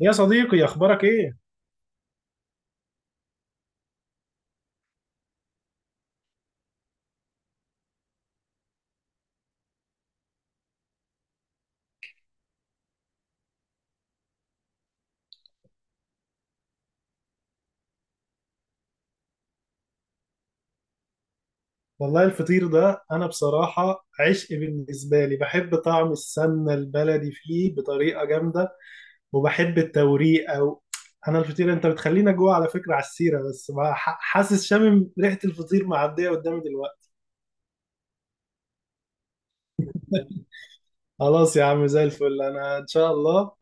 يا صديقي اخبارك ايه؟ والله الفطير ده انا بصراحه عشق بالنسبه لي، بحب طعم السمنه البلدي فيه بطريقه جامده، وبحب التوريق. او انا الفطير انت بتخلينا جوه، على فكره، على السيره بس بقى، حاسس شامم ريحه الفطير معديه قدامي دلوقتي. خلاص يا عم، زي الفل، انا ان شاء الله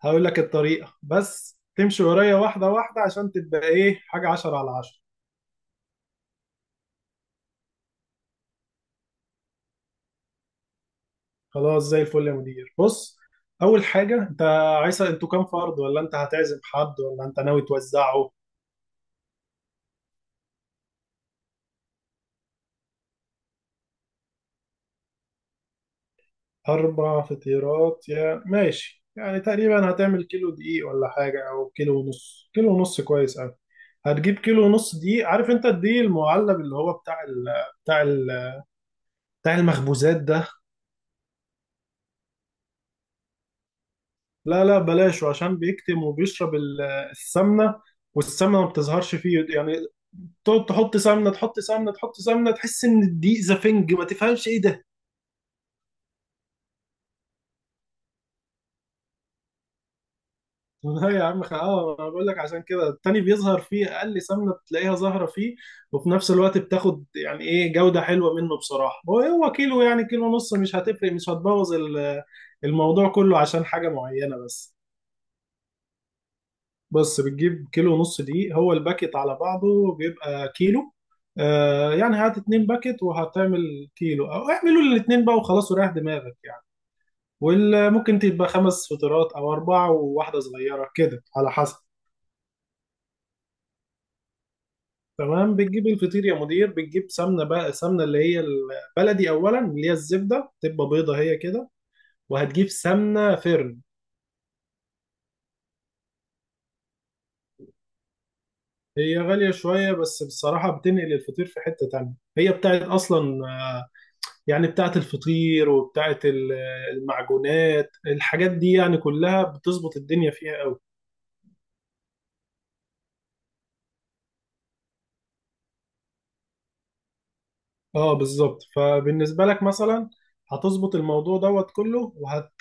هقول لك الطريقه، بس تمشي ورايا واحده واحده عشان تبقى ايه حاجه عشرة على عشرة. خلاص، زي الفل يا مدير. بص، اول حاجه، انت عايز انتوا كام فرد، ولا انت هتعزم حد، ولا انت ناوي توزعه؟ اربع فطيرات، يا ماشي. يعني تقريبا هتعمل كيلو دقيق ولا حاجه، او كيلو ونص. كيلو ونص كويس قوي. هتجيب كيلو ونص دقيق. عارف انت الدقيق المعلب اللي هو بتاع ال بتاع المخبوزات ده؟ لا لا، بلاشه، عشان بيكتم وبيشرب السمنه، والسمنه ما بتظهرش فيه يعني. تقعد تحط سمنه، تحط سمنه، تحط سمنه، تحس ان الدقيق زفنج، ما تفهمش ايه ده. لا يا عم، اه، انا بقول لك عشان كده التاني بيظهر فيه، اقل سمنه بتلاقيها ظاهره فيه، وفي نفس الوقت بتاخد يعني ايه جوده حلوه منه بصراحه. هو كيلو يعني كيلو ونص مش هتفرق، مش هتبوظ الموضوع كله عشان حاجه معينه. بس، بتجيب كيلو ونص دقيق. هو الباكت على بعضه بيبقى كيلو. آه، يعني هات اتنين باكت وهتعمل كيلو، او اعملوا الاتنين بقى وخلاص وريح دماغك يعني. وممكن تبقى خمس فطيرات، او اربعه وواحده صغيره كده، على حسب. تمام. بتجيب الفطير يا مدير، بتجيب سمنه، بقى سمنه اللي هي البلدي اولا، اللي هي الزبده تبقى بيضه، هي كده. وهتجيب سمنه فرن. هي غاليه شويه، بس بصراحه بتنقل الفطير في حته تانية. هي بتاعت اصلا، يعني بتاعت الفطير وبتاعت المعجونات، الحاجات دي يعني كلها بتظبط الدنيا فيها قوي. اه بالظبط. فبالنسبة لك مثلا هتظبط الموضوع دوت كله،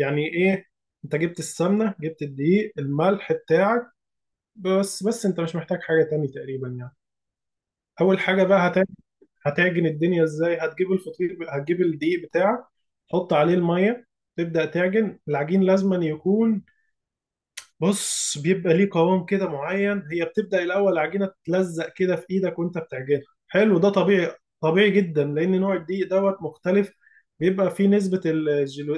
يعني ايه، انت جبت السمنة، جبت الدقيق، الملح بتاعك، بس انت مش محتاج حاجة تاني تقريبا يعني. اول حاجة بقى هتعجن الدنيا ازاي. هتجيب الفطير، هتجيب الدقيق بتاعك، تحط عليه المية، تبدأ تعجن العجين. لازما يكون، بص، بيبقى ليه قوام كده معين. هي بتبدأ الأول العجينة تتلزق كده في إيدك وأنت بتعجنها. حلو، ده طبيعي. طبيعي جدا، لأن نوع الدقيق دوت مختلف، بيبقى فيه نسبة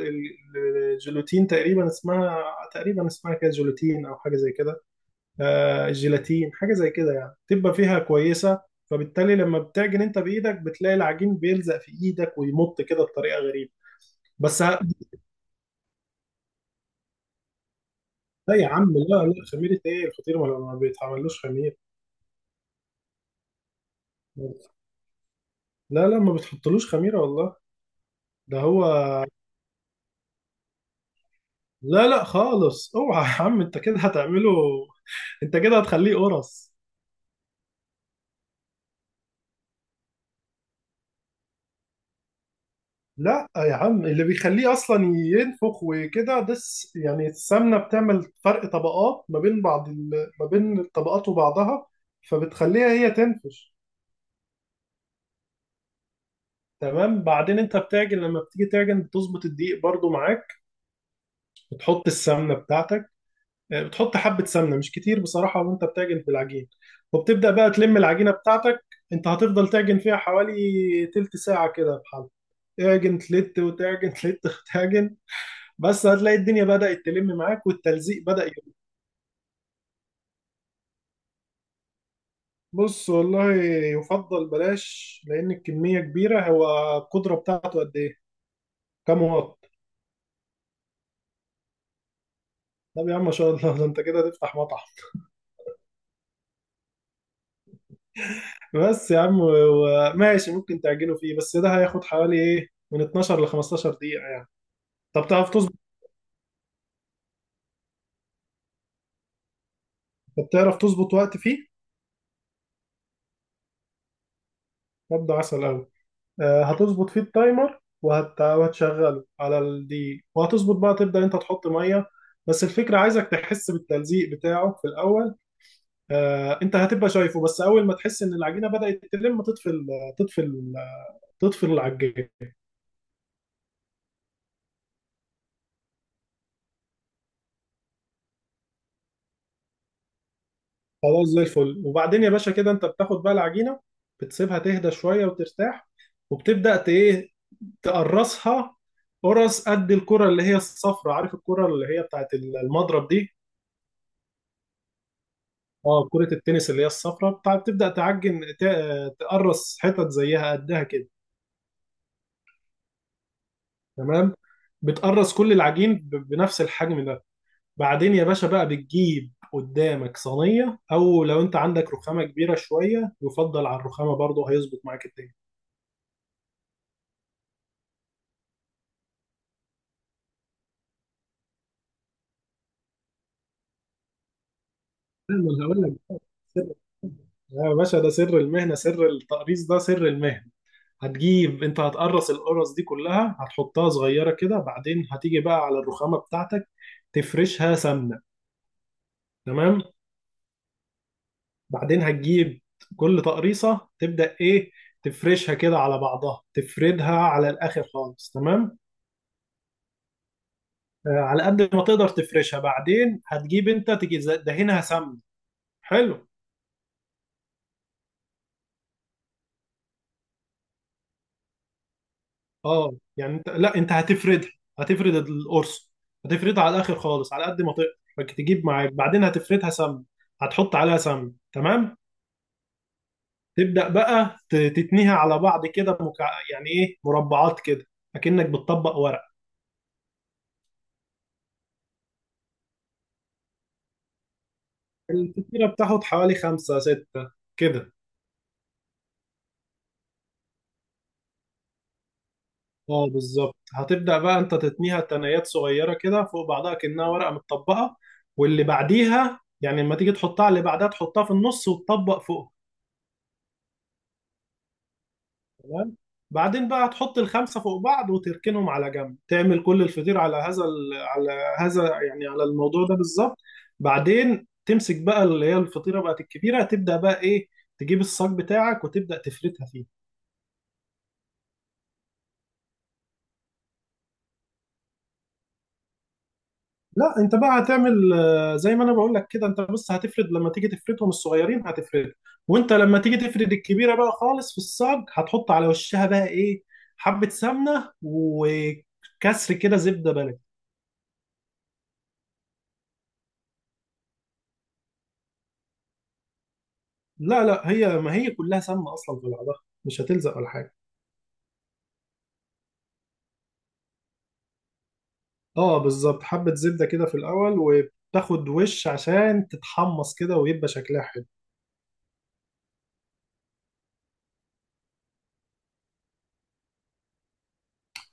الجلوتين تقريبا اسمها، تقريبا اسمها كده جلوتين أو حاجة زي كده. الجيلاتين حاجة زي كده يعني، بتبقى فيها كويسة. فبالتالي لما بتعجن أنت بإيدك بتلاقي العجين بيلزق في إيدك ويمط كده بطريقة غريبة. بس لا يا عم، لا لا، خميرة إيه، الفطير ما بيتعملوش خميرة. لا لا، ما بتحطلوش خميرة والله. ده هو. لا لا خالص، اوعى يا عم، انت كده هتعمله، انت كده هتخليه قرص. لا يا عم، اللي بيخليه اصلا ينفخ وكده ده يعني السمنة، بتعمل فرق طبقات ما بين بعض ما بين الطبقات وبعضها، فبتخليها هي تنفش. تمام. بعدين انت بتعجن، لما بتيجي تعجن بتظبط الدقيق برضو معاك، بتحط السمنة بتاعتك، بتحط حبة سمنة مش كتير بصراحة، وانت بتعجن في العجين، وبتبدأ بقى تلم العجينة بتاعتك. انت هتفضل تعجن فيها حوالي تلت ساعة كده بحال. تعجن تلت، وتعجن تلت، وتعجن. بس هتلاقي الدنيا بدأت تلم معاك والتلزيق بدأ يقل. بص، والله يفضل بلاش، لأن الكمية كبيرة. هو القدرة بتاعته قد إيه؟ كام واط؟ طب يا عم ما شاء الله، ده انت كده هتفتح مطعم. بس يا عم ماشي، ممكن تعجنه فيه، بس ده هياخد حوالي ايه من 12 ل 15 دقيقة يعني. طب تعرف تظبط؟ بتعرف تظبط وقت فيه؟ مبدأ عسل أوي. هتظبط فيه التايمر، وهتشغله على الدقيق، وهتظبط بقى تبدأ أنت تحط مية. بس الفكرة عايزك تحس بالتلزيق بتاعه في الأول. أنت هتبقى شايفه، بس أول ما تحس إن العجينة بدأت تلم تطفي تطفي ال- تطفي العجين. خلاص، زي الفل. وبعدين يا باشا كده أنت بتاخد بقى العجينة، بتسيبها تهدى شوية وترتاح، وبتبدأ إيه، تقرصها، قرص قد الكرة اللي هي الصفرة، عارف الكرة اللي هي بتاعت المضرب دي؟ اه، كرة التنس. اللي هي الصفرة بتاع بتبدأ تعجن، تقرص حتت زيها قدها كده. تمام. بتقرص كل العجين بنفس الحجم ده. بعدين يا باشا بقى بتجيب قدامك صينية، او لو انت عندك رخامة كبيرة شوية يفضل على الرخامة برضه، هيظبط معاك الدنيا. لا، ما أنا هقول لك السر. يا باشا ده سر المهنة، سر التقريص ده سر المهنة. هتجيب، انت هتقرص القرص دي كلها هتحطها صغيرة كده، بعدين هتيجي بقى على الرخامة بتاعتك تفرشها سمنة. تمام. بعدين هتجيب كل تقريصة، تبدأ إيه، تفرشها كده على بعضها، تفردها على الآخر خالص. تمام. آه، على قد ما تقدر تفرشها. بعدين هتجيب أنت، تيجي دهنها سمن. حلو. أه يعني أنت، لا أنت هتفردها، هتفرد القرص، هتفردها على الآخر خالص على قد ما تقدر. تجيب معاك، بعدين هتفردها سمن، هتحط عليها سمن. تمام. تبدأ بقى تتنيها على بعض كده، يعني إيه، مربعات كده، أكنك بتطبق ورق. الفطيرة بتاخد حوالي خمسة ستة كده. اه بالظبط، هتبدأ بقى انت تتنيها تنايات صغيرة كده فوق بعضها كأنها ورقة متطبقة، واللي بعديها يعني لما تيجي تحطها اللي بعدها تحطها في النص وتطبق فوق. تمام. بعدين بقى تحط الخمسة فوق بعض وتركنهم على جنب، تعمل كل الفطير على على هذا، يعني على الموضوع ده بالظبط. بعدين تمسك بقى، اللي هي الفطيرة بقت الكبيرة، تبدأ بقى ايه، تجيب الصاج بتاعك وتبدأ تفردها فيه. لا، انت بقى هتعمل، زي ما انا بقول لك كده، انت بس هتفرد لما تيجي تفردهم الصغيرين هتفرد، وانت لما تيجي تفرد الكبيره بقى خالص في الصاج هتحط على وشها بقى ايه، حبه سمنه وكسر كده زبده بلدي. لا لا، هي ما هي كلها سمنه اصلا في بعضها، مش هتلزق ولا حاجه. اه بالظبط، حبه زبده كده في الاول، وبتاخد وش عشان تتحمص كده ويبقى شكلها حلو.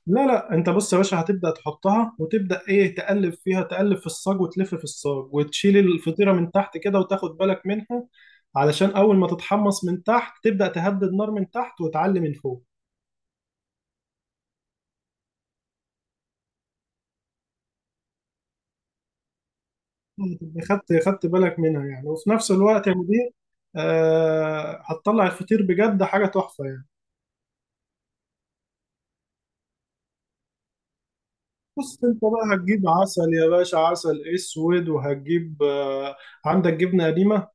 لا لا، انت بص يا باشا، هتبدأ تحطها وتبدأ ايه، تقلب فيها، تقلب في الصاج وتلف في الصاج وتشيل الفطيرة من تحت كده وتاخد بالك منها، علشان اول ما تتحمص من تحت تبدأ تهدي النار من تحت وتعلي من فوق. تبقى خدت بالك منها يعني، وفي نفس الوقت يا مدير، هتطلع الفطير بجد حاجة تحفة يعني. بص، انت بقى هتجيب عسل يا باشا، عسل اسود، وهتجيب عندك جبنة قديمة.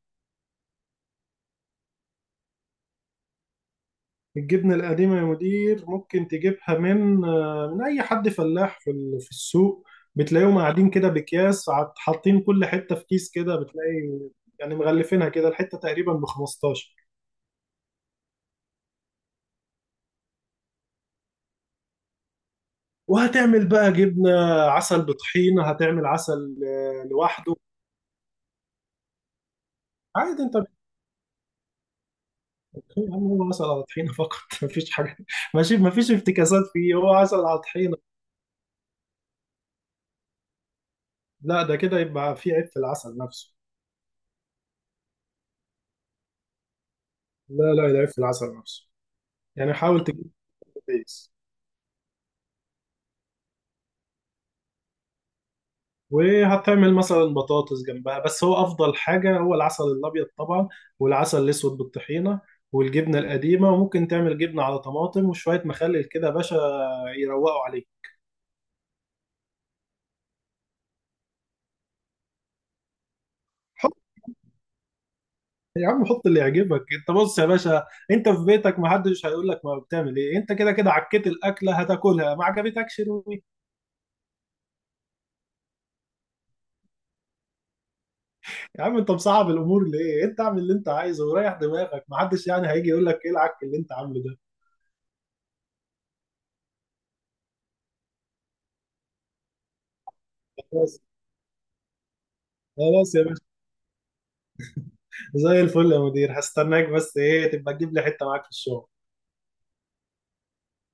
الجبنة القديمة يا مدير ممكن تجيبها من، من أي حد فلاح في السوق، بتلاقيهم قاعدين كده بأكياس، حاطين كل حتة في كيس كده. بتلاقي يعني مغلفينها كده، الحتة تقريبا ب 15. وهتعمل بقى جبنة، عسل بطحينة، هتعمل عسل لوحده. عادي انت بتطحين، هو عسل على طحينة فقط. مفيش حاجة، ماشي، مفيش افتكاسات فيه، هو عسل على طحينة. لا، ده كده يبقى فيه عيب في العسل نفسه. لا لا، ده عيب في العسل نفسه، يعني حاول تجيب كويس. وهتعمل مثلا بطاطس جنبها، بس هو افضل حاجه هو العسل الابيض طبعا، والعسل الاسود بالطحينه، والجبنه القديمه، وممكن تعمل جبنه على طماطم وشويه مخلل كده يا باشا، يروقوا عليه. حط، يا عم حط اللي يعجبك انت، بص يا باشا، انت في بيتك ما حدش هيقول لك ما بتعمل ايه. انت كده كده عكيت الاكله، هتاكلها ما عجبتكش روي. يا عم انت مصعب الامور ليه، انت اعمل اللي انت عايزه وريح دماغك، ما حدش يعني هيجي يقول لك ايه العك اللي انت عامله ده. خلاص. خلاص يا زي الفل يا مدير، هستناك، بس ايه تبقى تجيب لي حته معاك في الشغل.